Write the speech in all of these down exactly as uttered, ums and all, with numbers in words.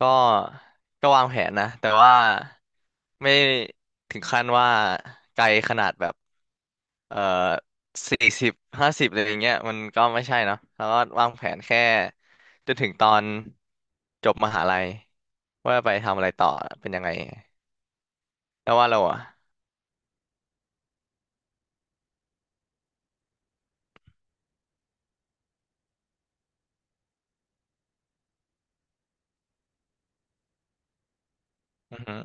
ก็ก็วางแผนนะแต่ว่าไม่ถึงขั้นว่าไกลขนาดแบบเอ่อสี่สิบห้าสิบอะไรอย่างเงี้ยมันก็ไม่ใช่เนาะแล้วก็วางแผนแค่จนถึงตอนจบมหาลัยว่าไปทำอะไรต่อเป็นยังไงแล้วว่าเราอ่ะอือฮึ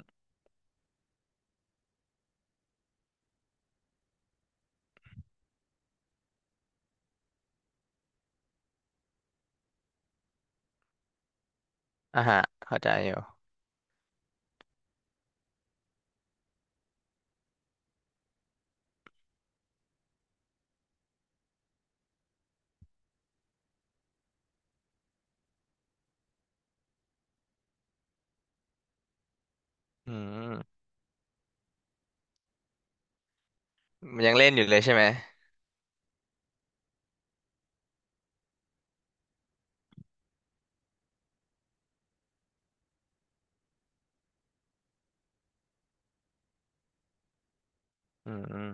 อ่ะฮะเข้าใจอยู่อืมมันยังเล่นอยู่เลยใช่ไหมอืม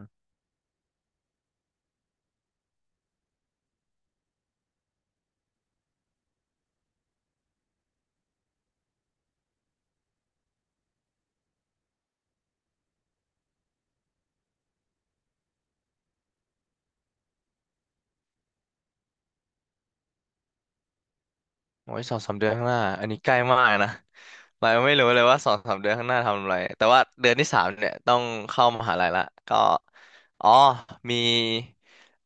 โอ้ยสองสามเดือนข้างหน้าอันนี้ใกล้มากนะเรายังไม่รู้เลยว่าสองสามเดือนข้างหน้าทำอะไรแต่ว่าเดือนที่สามเนี่ยต้องเข้ามหาลัยละก็อ๋อมี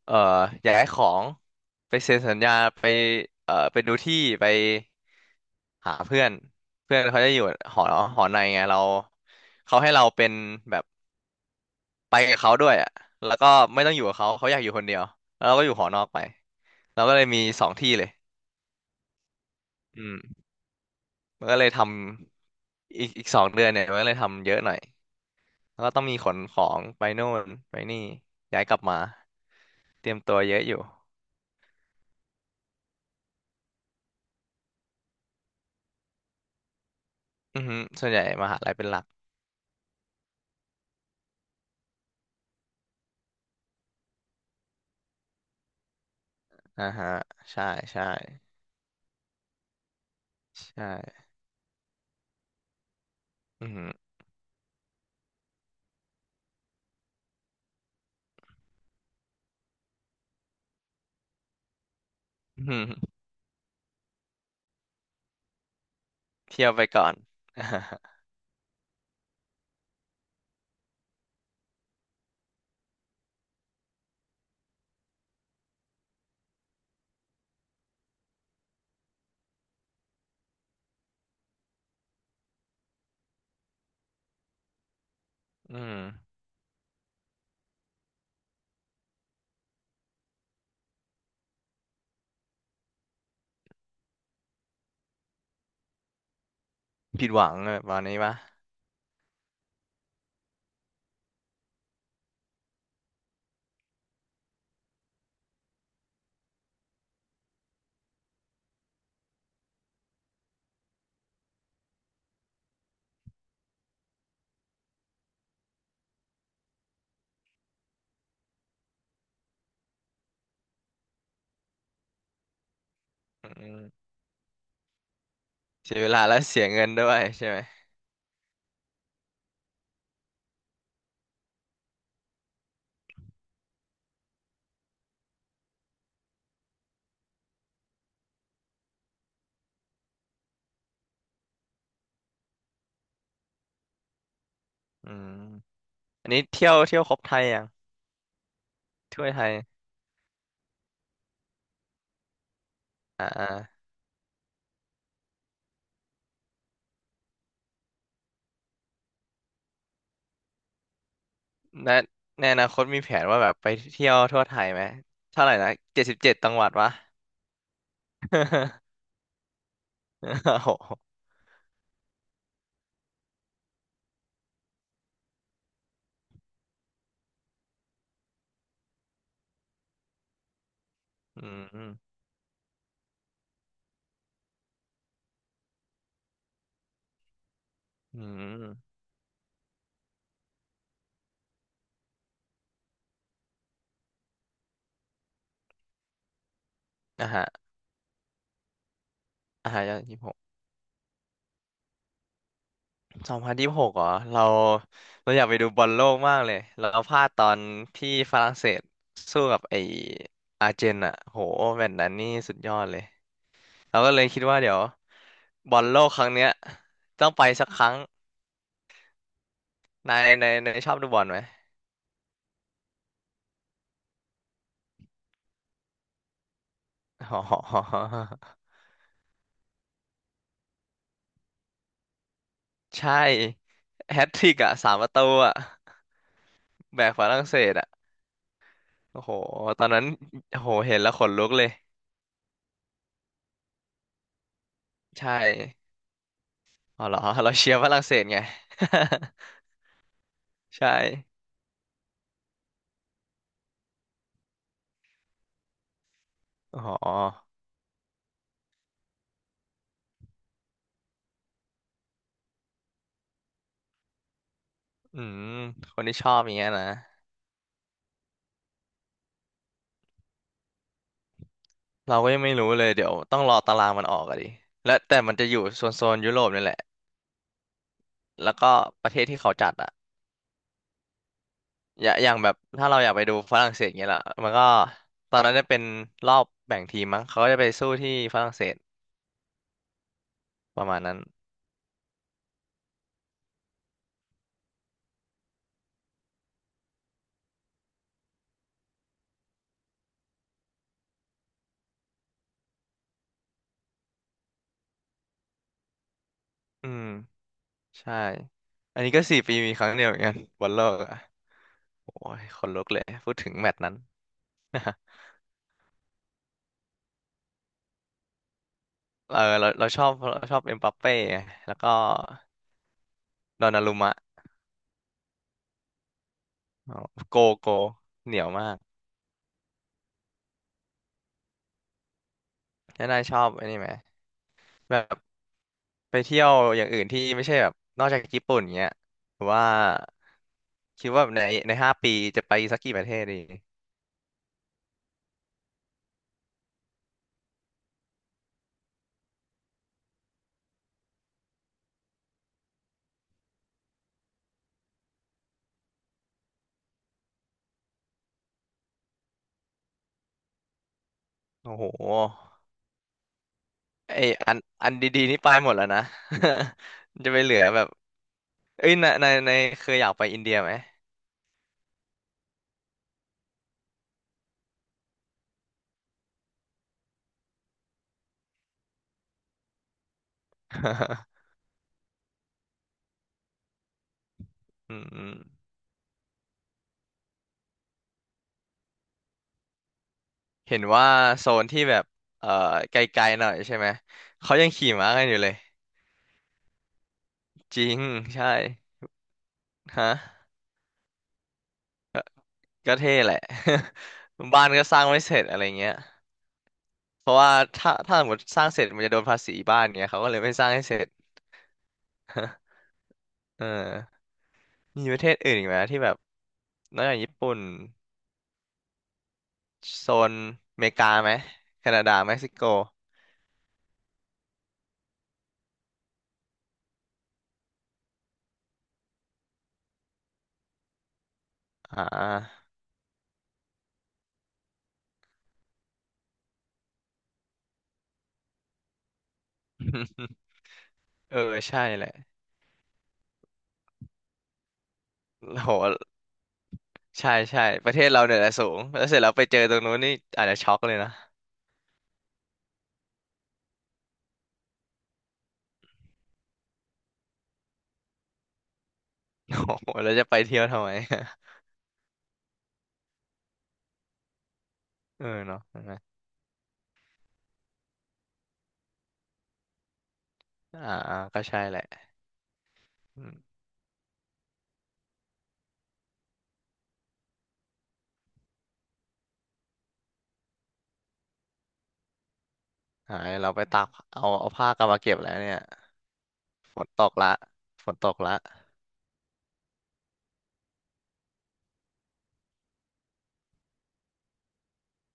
เอ่อย้ายของไปเซ็นสัญญาไปเอ่อไปดูที่ไปหาเพื่อนเพื่อนเขาจะอยู่หอหอในไงเราเขาให้เราเป็นแบบไปกับเขาด้วยอ่ะแล้วก็ไม่ต้องอยู่กับเขาเขาอยากอยู่คนเดียวแล้วเราก็อยู่หอนอกไปเราก็เลยมีสองที่เลยอืม มันก็เลยทำอีกอีกสองเดือนเนี่ยมันก็เลยทำเยอะหน่อยแล้วก็ต้องมีขนของไปโน่นไปนี่ย้ายกลับมาเตรียมตัวเยอะอยู่อือหือส่วนใหญ่มหาลัยเป็นหลักอ่าฮะใช่ใช่ใช่อือหืออือหือเที่ยวไปก่อน อืมผิดหวังอะประมาณนี้ปะอืมเสียเวลาและเสียเงินด้วยใช่ไหมอืมอันนี้เที่ยวเที่ยวครบไทยยังทั่วไทยอ่า แนในอนาคตมีแผนว่าแบบไปเที่ยวทั่วไทยไหมเท่าไหร่นะเจ็ดสิบเจ็ดจังหวัดวะ โอ้โหอืมอืมอ่ะฮะอ่ะฮะยี่สิบหกสองพันยี่สิบหกเหรอเราเราอยากไปดูบอลโลกมากเลยเราพลาดตอนที่ฝรั่งเศสสู้กับไออาร์เจนอ่ะโหแมตช์นั้นนี่สุดยอดเลยเราก็เลยคิดว่าเดี๋ยวบอลโลกครั้งเนี้ยต้องไปสักครั้งนายนายนายชอบดูบอลไหมอ๋อ ใช่ แฮตทริกอ่ะสามประตูอ่ะแบกฝรั่งเศสอ่ะโอ้โหตอนนั้นโอ้โหเห็นแล้วขนลุกเลยใช่อ๋อเหรอ เราเชียร์ฝรั่งเศสไง ใช่อ๋ออืมคนที่ชอบอย่างเงี้ยนะเราก็ยังไม่รู้เลยเดี๋ยวต้องรอตารางมันออกอะดิและแต่มันจะอยู่โซนโซนยุโรปนี่แหละแล้วก็ประเทศที่เขาจัดอ่ะอย่าอย่างแบบถ้าเราอยากไปดูฝรั่งเศสเงี้ยล่ะมันก็ตอนนั้นจะเป็นรอบแบ่งทีมมั้งเขาก็จะไปสู้ที่ฝรั่งเศสประมาณนั้นอืม ใช่อันนี้ก็สี่ปีมีครั้งเดียวเหมือนกันบอลโลกอ่ะโอ้ยคนลุกเลยพูดถึงแมตช์นั้น เออเราเราชอบเราชอบเอ็มบัปเป้ไงแล้วก็ดอนนารุมะอ๋อโกโกเหนียวมากแล้วนายชอบไอันนี้ไหม แบบไปเที่ยวอย่างอื่นที่ไม่ใช่แบบนอกจากญี่ปุ่นเงี้ยหรือว่าคิดว่าในในห้าปีจะไปสักกี่ประเทศดี โอ้โหไออันอันดีๆนี่ไปหมดแล้วนะ จะไปเหลือแบบ เอ้ยในในในเคยอยากไปอินเดียไหม อืม อืมเห็นว่าโซนที่แบบเอ่อไกลๆหน่อยใช่ไหมเขายังขี่ม้ากันอยู่เลยจริงใช่ฮะก็เท่แหละ บ้านก็สร้างไม่เสร็จอะไรเงี้ยเพราะว่าถ้าถ้าสมมติสร้างเสร็จมันจะโดนภาษีบ้านเงี้ยเขาก็เลยไม่สร้างให้เสร็จ เออมีประเทศอื่นอีกไหมที่แบบนอกจากญี่ปุ่นโซนอเมริกาไหมแคนาดาเม็กซิโกอ่า เออใช่แหละโห ใช่ใช่ประเทศเราเนี่ยแหละสูงแล้วเสร็จแล้วไปเจอตรงนู้นนี่อาจจะช็อกเลยนะ โอ้โหแล้วจะไปเที่ยวทำไม เออเนาะใช่ไหมอ่าอ่าก็ใช่แหละอืมหายเราไปตากเอาเอาผ้ากลับมาเก็บแล้วเนี่ยฝนตกละฝนตกละ